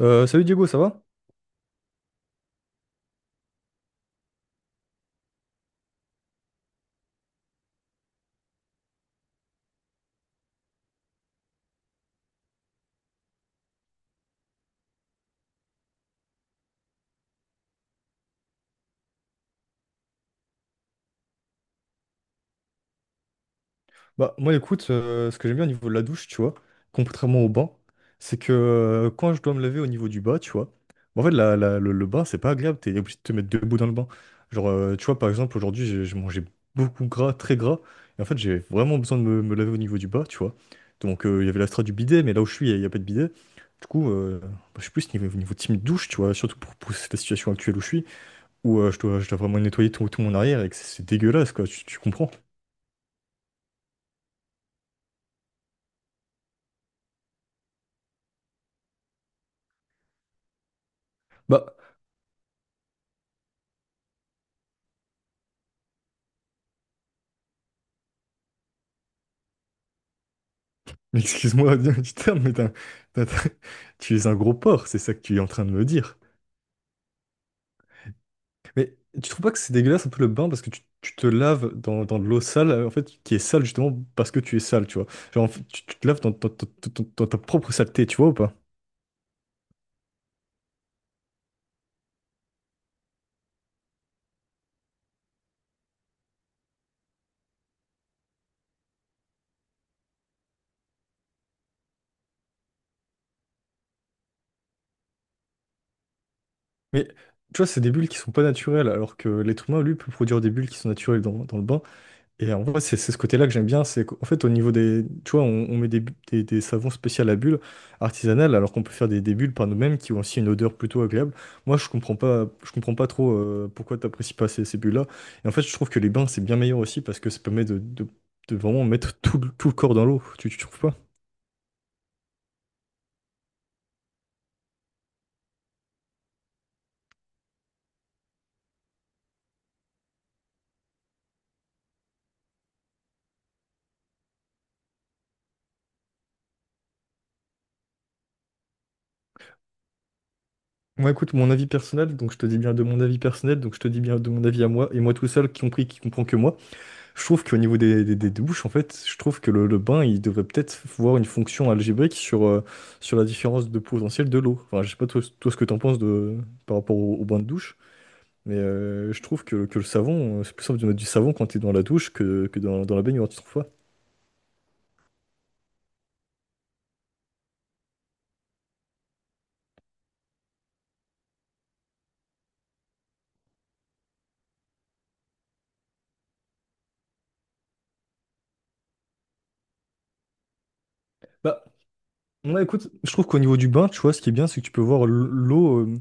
Salut Diego, ça va? Bah moi écoute, ce que j'aime bien au niveau de la douche, tu vois, contrairement au bain, c'est que quand je dois me laver au niveau du bas, tu vois, en fait le bain c'est pas agréable, t'es obligé de te mettre debout dans le bain. Genre tu vois par exemple aujourd'hui j'ai mangé beaucoup gras, très gras, et en fait j'ai vraiment besoin de me laver au niveau du bas, tu vois. Donc il y avait la strat du bidet, mais là où je suis il n'y a pas de bidet. Du coup, bah, je suis plus niveau team douche, tu vois, surtout pour la situation actuelle où je suis, où je dois vraiment nettoyer tout mon arrière et que c'est dégueulasse quoi, tu comprends? Bah, mais excuse-moi du terme, mais t'as- t'as- tu es un gros porc, c'est ça que tu es en train de me dire. Mais tu trouves pas que c'est dégueulasse un peu le bain parce que tu te laves dans de l'eau sale, en fait, qui est sale justement parce que tu es sale, tu vois. Genre, en fait, tu te laves dans ta propre saleté, tu vois ou pas? Mais tu vois, c'est des bulles qui sont pas naturelles, alors que l'être humain, lui, peut produire des bulles qui sont naturelles dans le bain. Et en vrai, c'est ce côté-là que j'aime bien, c'est qu'en fait, tu vois, on met des savons spéciaux à bulles artisanales, alors qu'on peut faire des bulles par nous-mêmes qui ont aussi une odeur plutôt agréable. Moi, je comprends pas trop pourquoi t'apprécies pas ces bulles-là. Et en fait, je trouve que les bains, c'est bien meilleur aussi, parce que ça permet de vraiment mettre tout le corps dans l'eau, tu trouves pas? Moi, écoute, mon avis personnel, donc je te dis bien de mon avis personnel, donc je te dis bien de mon avis à moi, et moi tout seul, qui compris, qui comprend que moi. Je trouve qu'au niveau des douches, en fait, je trouve que le bain, il devrait peut-être voir une fonction algébrique sur la différence de potentiel de l'eau. Enfin, je sais pas toi, ce que t'en penses par rapport au bain de douche, mais je trouve que le savon, c'est plus simple de mettre du savon quand t'es dans la douche que dans la baignoire, tu trouves pas? Bah, ouais, écoute, je trouve qu'au niveau du bain, tu vois, ce qui est bien, c'est que tu peux voir l'eau.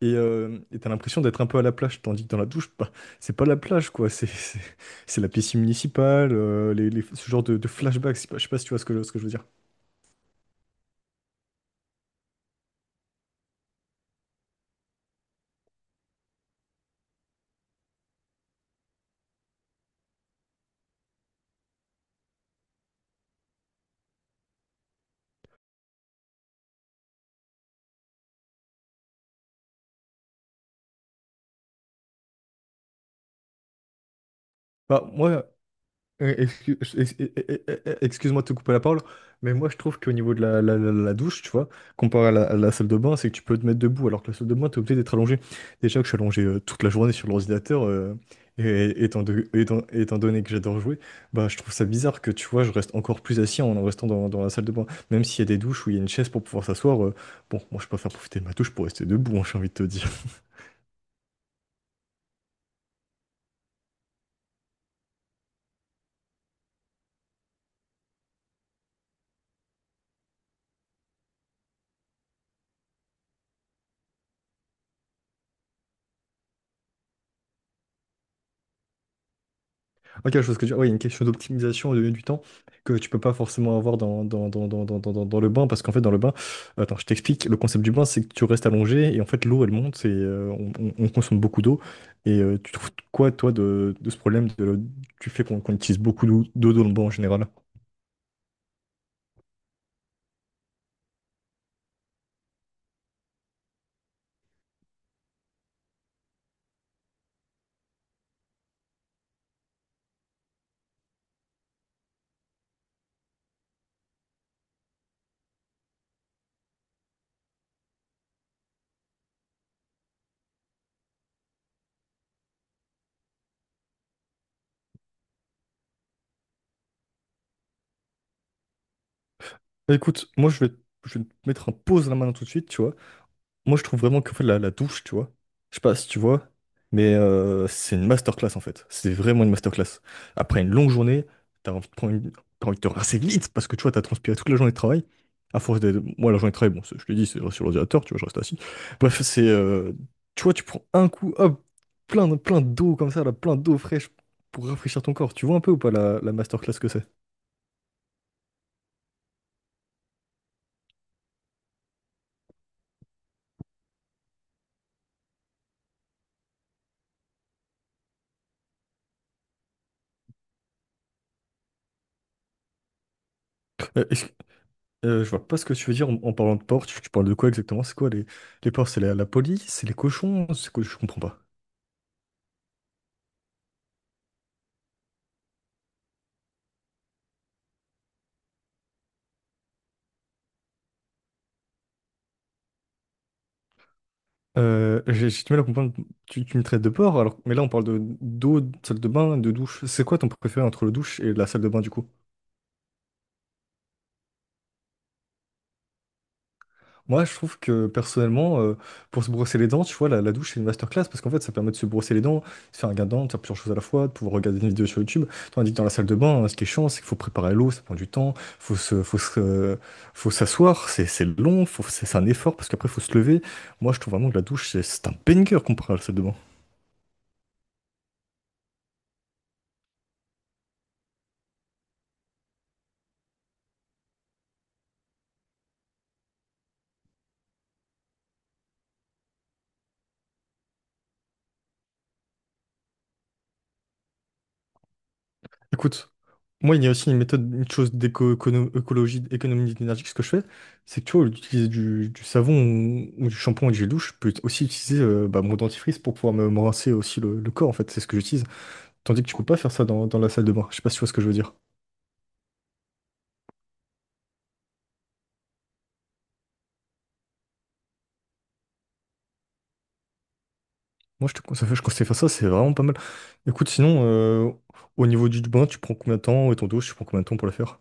Et t'as l'impression d'être un peu à la plage, tandis que dans la douche, bah, c'est pas la plage, quoi. C'est la piscine municipale, ce genre de flashback. Je sais pas si tu vois ce que je veux dire. Bah, moi, Euh, excu- ex- ex- excuse-moi de te couper la parole, mais moi je trouve qu'au niveau de la douche, tu vois, comparé à la salle de bain, c'est que tu peux te mettre debout, alors que la salle de bain, t'es obligé d'être allongé. Déjà que je suis allongé toute la journée sur l'ordinateur, et étant donné que j'adore jouer, bah je trouve ça bizarre que tu vois, je reste encore plus assis en restant dans la salle de bain. Même s'il y a des douches où il y a une chaise pour pouvoir s'asseoir, bon, moi je préfère profiter de ma douche pour rester debout, hein, j'ai envie de te dire. Ah, quelque chose que ouais, il y a une question d'optimisation et de gagner du temps que tu peux pas forcément avoir dans le bain, parce qu'en fait, dans le bain, attends, je t'explique, le concept du bain, c'est que tu restes allongé et en fait, l'eau, elle monte et on consomme beaucoup d'eau. Et tu trouves quoi, toi, de ce problème tu fais qu'on utilise beaucoup d'eau dans le bois en général? Bah, écoute, moi je vais te mettre un pause à la main tout de suite, tu vois. Moi, je trouve vraiment qu'en fait, la douche, tu vois, je sais pas si tu vois, mais c'est une masterclass en fait. C'est vraiment une masterclass. Après une longue journée, t'as envie de prendre une... t'as envie de te rincer vite parce que tu vois, t'as transpiré toute la journée de travail. À force de. Moi, la journée de travail, bon, je te dis, c'est sur l'ordinateur, tu vois, je reste assis. Bref, c'est. Tu vois, tu prends un coup, hop, plein d'eau comme ça, là, plein d'eau fraîche pour rafraîchir ton corps. Tu vois un peu ou pas la masterclass que c'est? Euh, je vois pas ce que tu veux dire en parlant de porc. Tu parles de quoi exactement? C'est quoi les porcs? C'est la police? C'est les cochons? C'est quoi? Je comprends pas. J'ai du mal à comprendre. Tu me traites de porc, alors, mais là on parle de d'eau, de salle de bain, de douche. C'est quoi ton préféré entre le douche et la salle de bain du coup? Moi, je trouve que personnellement, pour se brosser les dents, tu vois, la douche, c'est une masterclass parce qu'en fait, ça permet de se brosser les dents, de se faire un gain de dents, de faire plusieurs choses à la fois, de pouvoir regarder une vidéo sur YouTube. Tandis que dans la salle de bain, hein, ce qui est chiant, c'est qu'il faut préparer l'eau, ça prend du temps, faut se, faut se- euh, faut s'asseoir, c'est long, c'est un effort parce qu'après, il faut se lever. Moi, je trouve vraiment que la douche, c'est un banger comparé à la salle de bain. Écoute, moi, il y a aussi une méthode, une chose d'éco-écologie, économie d'énergie, que ce que je fais, c'est que tu vois, utiliser du savon ou du shampoing et du gel douche, je peux aussi utiliser bah, mon dentifrice pour pouvoir me rincer aussi le corps, en fait, c'est ce que j'utilise. Tandis que tu peux pas faire ça dans la salle de bain, je sais pas si tu vois ce que je veux dire. Moi, je conseille de faire ça, c'est vraiment pas mal. Écoute, sinon, au niveau du bain, tu prends combien de temps et ton douche, tu prends combien de temps pour la faire?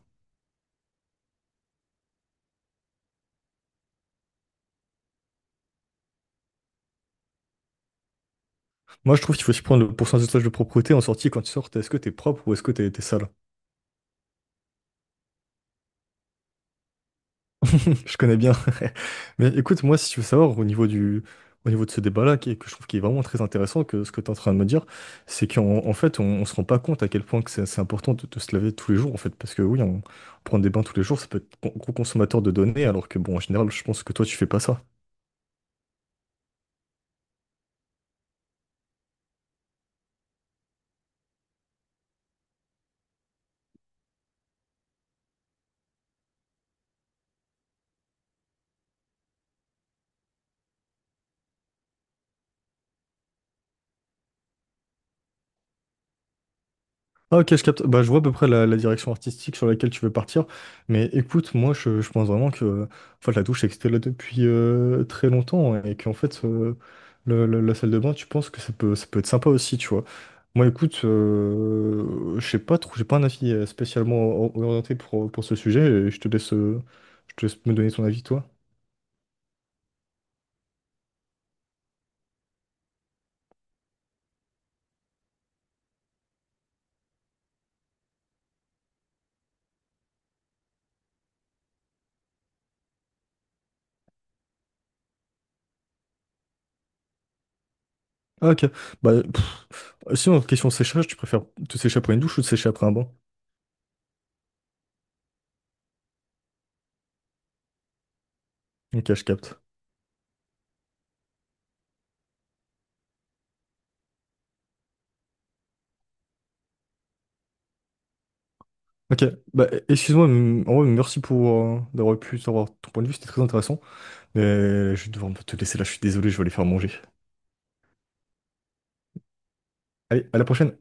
Moi, je trouve qu'il faut aussi prendre le pourcentage de propreté en sortie quand tu sors. Est-ce que t'es propre ou est-ce que t'es sale? Je connais bien. Mais écoute, moi, si tu veux savoir, au niveau de ce débat-là, que je trouve qui est vraiment très intéressant, que ce que tu es en train de me dire, c'est qu'en en fait, on ne se rend pas compte à quel point que c'est important de se laver tous les jours, en fait. Parce que oui, prend des bains tous les jours, ça peut être gros consommateur de données, alors que bon, en général, je pense que toi, tu fais pas ça. Ah, ok, je capte. Bah, je vois à peu près la direction artistique sur laquelle tu veux partir. Mais écoute, moi, je pense vraiment que en fait la douche existait là depuis très longtemps et qu'en fait, la salle de bain, tu penses que ça peut être sympa aussi, tu vois. Moi, écoute, je sais pas trop, j'ai pas un avis spécialement orienté pour ce sujet. Et je te laisse me donner ton avis, toi. Ah, ok. Bah, pff, sinon, question séchage, tu préfères te sécher après une douche ou te sécher après un bain? Ok, je capte. Ok, bah excuse-moi, en vrai, merci pour d'avoir pu savoir ton point de vue, c'était très intéressant. Mais je vais devoir te laisser là, je suis désolé, je vais aller faire manger. Allez, à la prochaine!